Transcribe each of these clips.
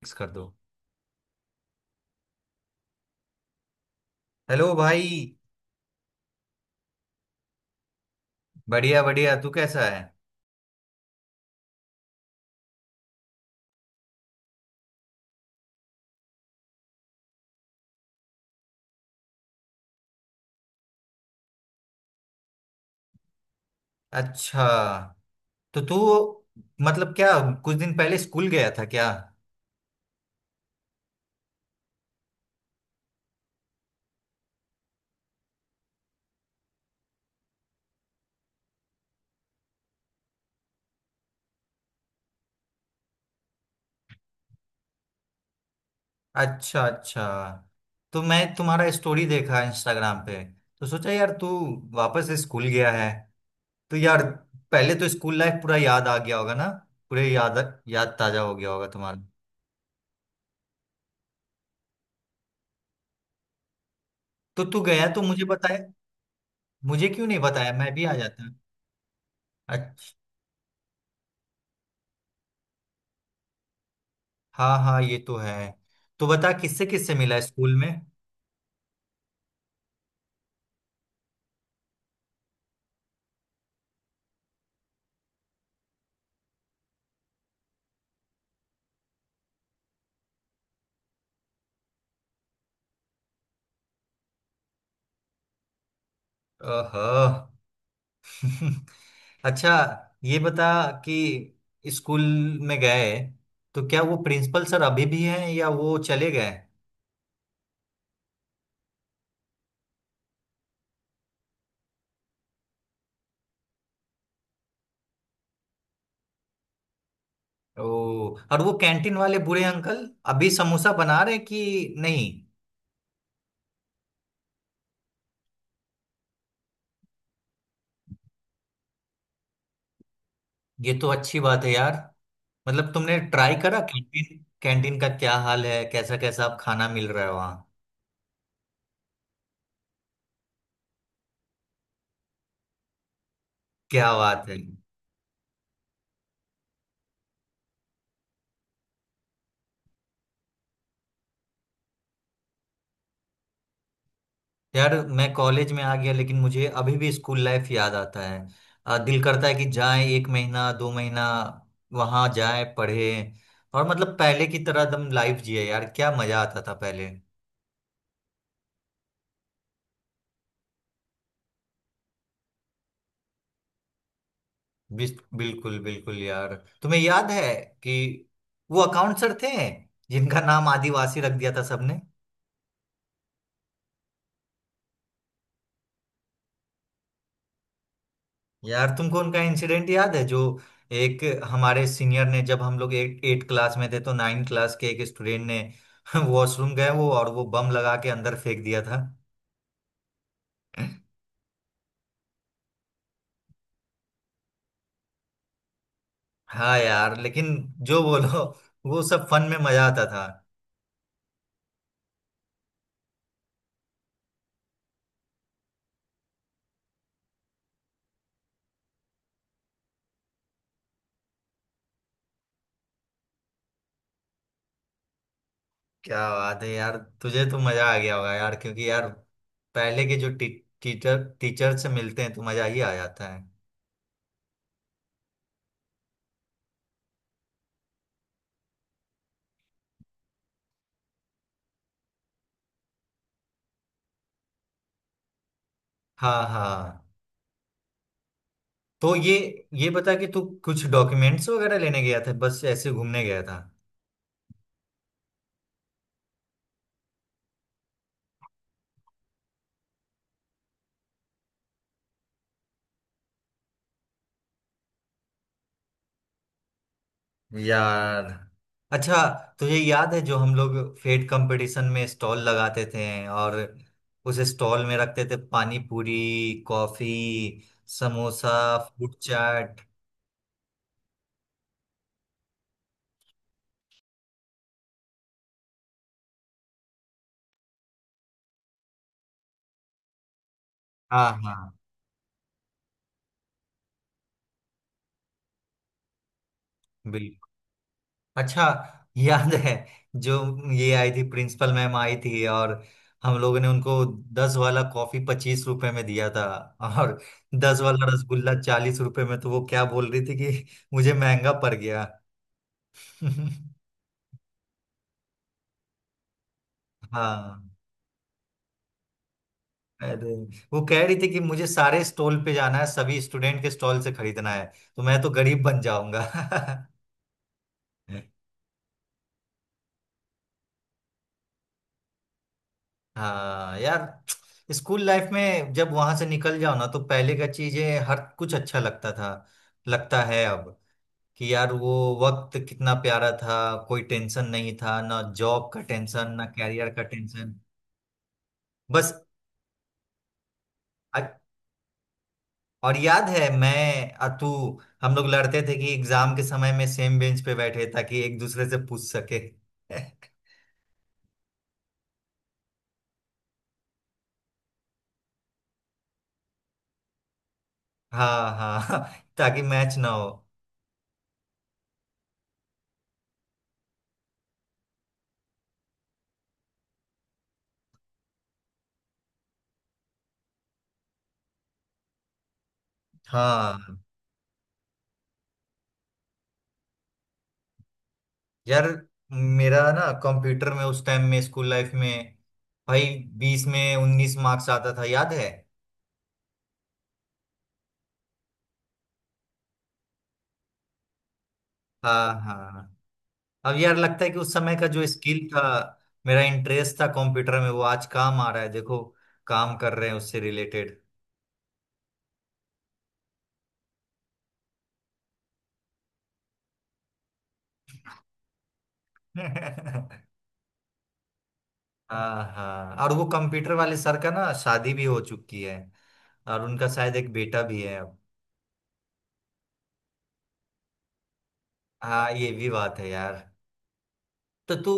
Fix कर दो। Hello भाई। बढ़िया बढ़िया, तू कैसा है। अच्छा। तो तू मतलब क्या, कुछ दिन पहले स्कूल गया था क्या। अच्छा अच्छा। तो मैं तुम्हारा स्टोरी देखा इंस्टाग्राम पे, तो सोचा यार तू वापस स्कूल गया है। तो यार, पहले तो स्कूल लाइफ पूरा याद आ गया होगा ना। पूरे याद, याद ताजा हो गया होगा तुम्हारा। तो तू गया तो मुझे बताया, मुझे क्यों नहीं बताया, मैं भी आ जाता। अच्छा। हाँ हाँ, ये तो है। तो बता किससे किससे मिला स्कूल में। ओहो अच्छा, ये बता कि स्कूल में गए तो क्या वो प्रिंसिपल सर अभी भी हैं या वो चले गए। ओ, और वो कैंटीन वाले बूढ़े अंकल अभी समोसा बना रहे कि नहीं। ये तो अच्छी बात है यार। मतलब तुमने ट्राई करा कैंटीन, कैंटीन का क्या हाल है, कैसा कैसा अब खाना मिल रहा है वहाँ। क्या बात है यार। मैं कॉलेज में आ गया लेकिन मुझे अभी भी स्कूल लाइफ याद आता है। दिल करता है कि जाएं एक महीना दो महीना, वहां जाएं पढ़े, और मतलब पहले की तरह दम लाइफ जिए यार, क्या मजा आता था पहले। बिल्कुल बिल्कुल यार, तुम्हें याद है कि वो अकाउंट सर थे जिनका नाम आदिवासी रख दिया था सबने। यार तुमको उनका इंसिडेंट याद है, जो एक हमारे सीनियर ने, जब हम लोग एट एट क्लास में थे तो 9 क्लास के एक स्टूडेंट ने वॉशरूम गए वो, और वो बम लगा के अंदर फेंक दिया था। हाँ यार, लेकिन जो बोलो, वो सब फन में मजा आता था। क्या बात है यार, तुझे तो मजा आ गया होगा यार, क्योंकि यार पहले के जो टीचर टीचर से मिलते हैं तो मजा ही आ जाता है। हाँ हाँ। तो ये बता कि तू कुछ डॉक्यूमेंट्स वगैरह लेने गया था बस ऐसे घूमने गया था। यार। अच्छा, तुझे याद है जो हम लोग फेड कंपटीशन में स्टॉल लगाते थे, और उस स्टॉल में रखते थे पानी पूरी, कॉफी, समोसा, फूड चाट। हाँ हाँ, बिल्कुल। अच्छा, याद है जो ये आई थी प्रिंसिपल मैम आई थी, और हम लोगों ने उनको 10 वाला कॉफी 25 रुपए में दिया था, और 10 वाला रसगुल्ला 40 रुपए में, तो वो क्या बोल रही थी कि मुझे महंगा पड़ गया हाँ, अरे वो कह रही थी कि मुझे सारे स्टॉल पे जाना है, सभी स्टूडेंट के स्टॉल से खरीदना है, तो मैं तो गरीब बन जाऊंगा हाँ यार, स्कूल लाइफ में जब वहां से निकल जाओ ना, तो पहले का चीजें हर कुछ अच्छा लगता था, लगता है अब कि यार वो वक्त कितना प्यारा था, कोई टेंशन नहीं था, ना जॉब का टेंशन ना कैरियर का टेंशन। बस। और याद है, मैं, अतु हम लोग लड़ते थे कि एग्जाम के समय में सेम बेंच पे बैठे, ताकि एक दूसरे से पूछ सके हाँ हाँ, ताकि मैच ना हो। हाँ यार, मेरा ना कंप्यूटर में उस टाइम में स्कूल लाइफ में, भाई, 20 में 19 मार्क्स आता था, याद है। हाँ हाँ। अब यार लगता है कि उस समय का जो स्किल था, मेरा इंटरेस्ट था कंप्यूटर में, वो आज काम आ रहा है देखो, काम कर रहे हैं उससे रिलेटेड हाँ हाँ, और वो कंप्यूटर वाले सर का ना शादी भी हो चुकी है, और उनका शायद एक बेटा भी है अब। हाँ, ये भी बात है यार। तो तू।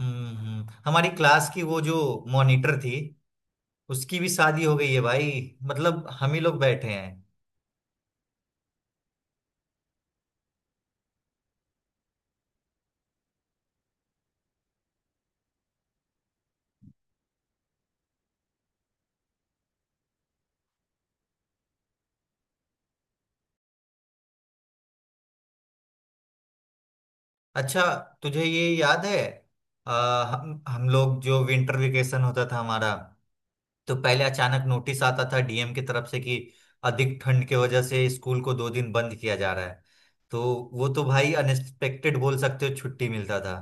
हमारी क्लास की वो जो मॉनिटर थी, उसकी भी शादी हो गई है भाई, मतलब हम ही लोग बैठे हैं। अच्छा, तुझे ये याद है, हम लोग जो विंटर वेकेशन होता था हमारा, तो पहले अचानक नोटिस आता था डीएम की तरफ से कि अधिक ठंड की वजह से स्कूल को 2 दिन बंद किया जा रहा है, तो वो तो भाई अनएक्सपेक्टेड बोल सकते हो, छुट्टी मिलता था।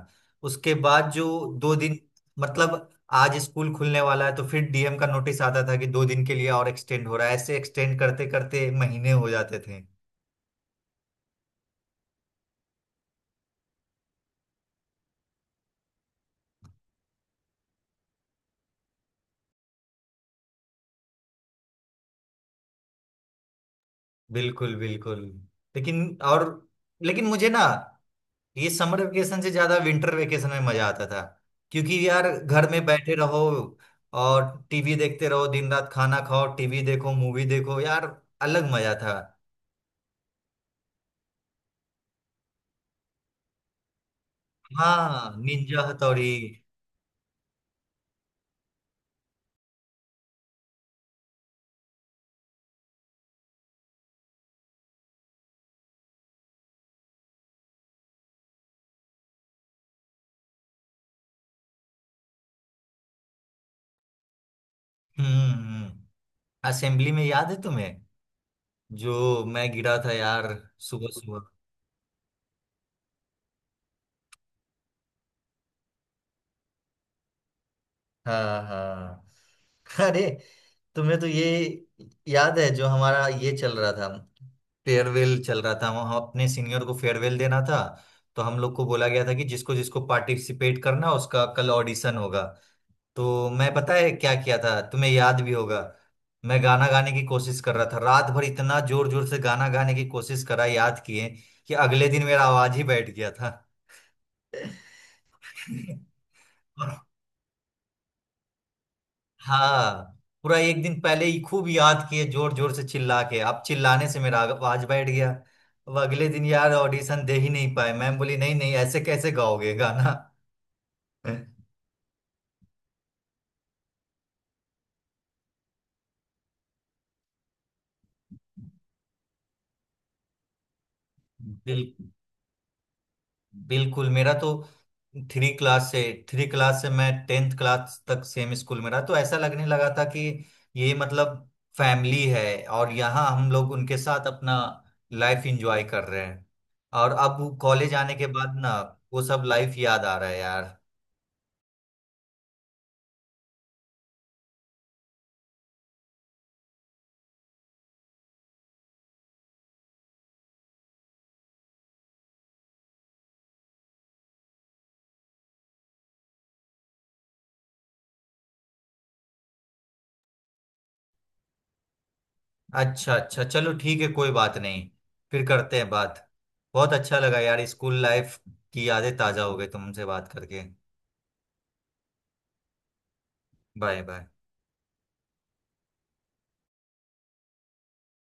उसके बाद जो 2 दिन, मतलब आज स्कूल खुलने वाला है, तो फिर डीएम का नोटिस आता था कि 2 दिन के लिए और एक्सटेंड हो रहा है, ऐसे एक्सटेंड करते करते महीने हो जाते थे। बिल्कुल बिल्कुल। लेकिन और लेकिन मुझे ना, ये समर वेकेशन से ज्यादा विंटर वेकेशन में मजा आता था, क्योंकि यार घर में बैठे रहो, और टीवी देखते रहो, दिन रात खाना खाओ, टीवी देखो, मूवी देखो यार, अलग मजा था। हाँ, निंजा हथौड़ी। हम्म हम्म, हम्म। असेंबली में याद है तुम्हें, जो मैं गिरा था यार, सुबह। हाँ हाँ। हाँ, अरे, तुम्हें तो ये याद है जो हमारा ये चल रहा था, फेयरवेल चल रहा था, हम अपने सीनियर को फेयरवेल देना था, तो हम लोग को बोला गया था कि जिसको जिसको पार्टिसिपेट करना उसका कल ऑडिशन होगा, तो मैं पता है क्या किया था, तुम्हें याद भी होगा। मैं गाना गाने की कोशिश कर रहा था रात भर, इतना जोर जोर से गाना गाने की कोशिश करा, याद किए कि अगले दिन मेरा आवाज ही बैठ गया था हाँ, पूरा एक दिन पहले ही खूब याद किए, जोर जोर से चिल्ला के, आप चिल्लाने से मेरा आवाज बैठ गया, अब अगले दिन यार ऑडिशन दे ही नहीं पाए, मैम बोली नहीं नहीं, ऐसे कैसे गाओगे गाना। बिल, बिल्कुल। मेरा तो थ्री क्लास से 3 क्लास से मैं 10th क्लास तक सेम स्कूल में रहा, तो ऐसा लगने लगा था कि ये मतलब फैमिली है, और यहाँ हम लोग उनके साथ अपना लाइफ एंजॉय कर रहे हैं, और अब कॉलेज आने के बाद ना, वो सब लाइफ याद आ रहा है यार। अच्छा अच्छा, चलो ठीक है, कोई बात नहीं, फिर करते हैं बात। बहुत अच्छा लगा यार, स्कूल लाइफ की यादें ताजा हो गई तुमसे बात करके। Bye bye.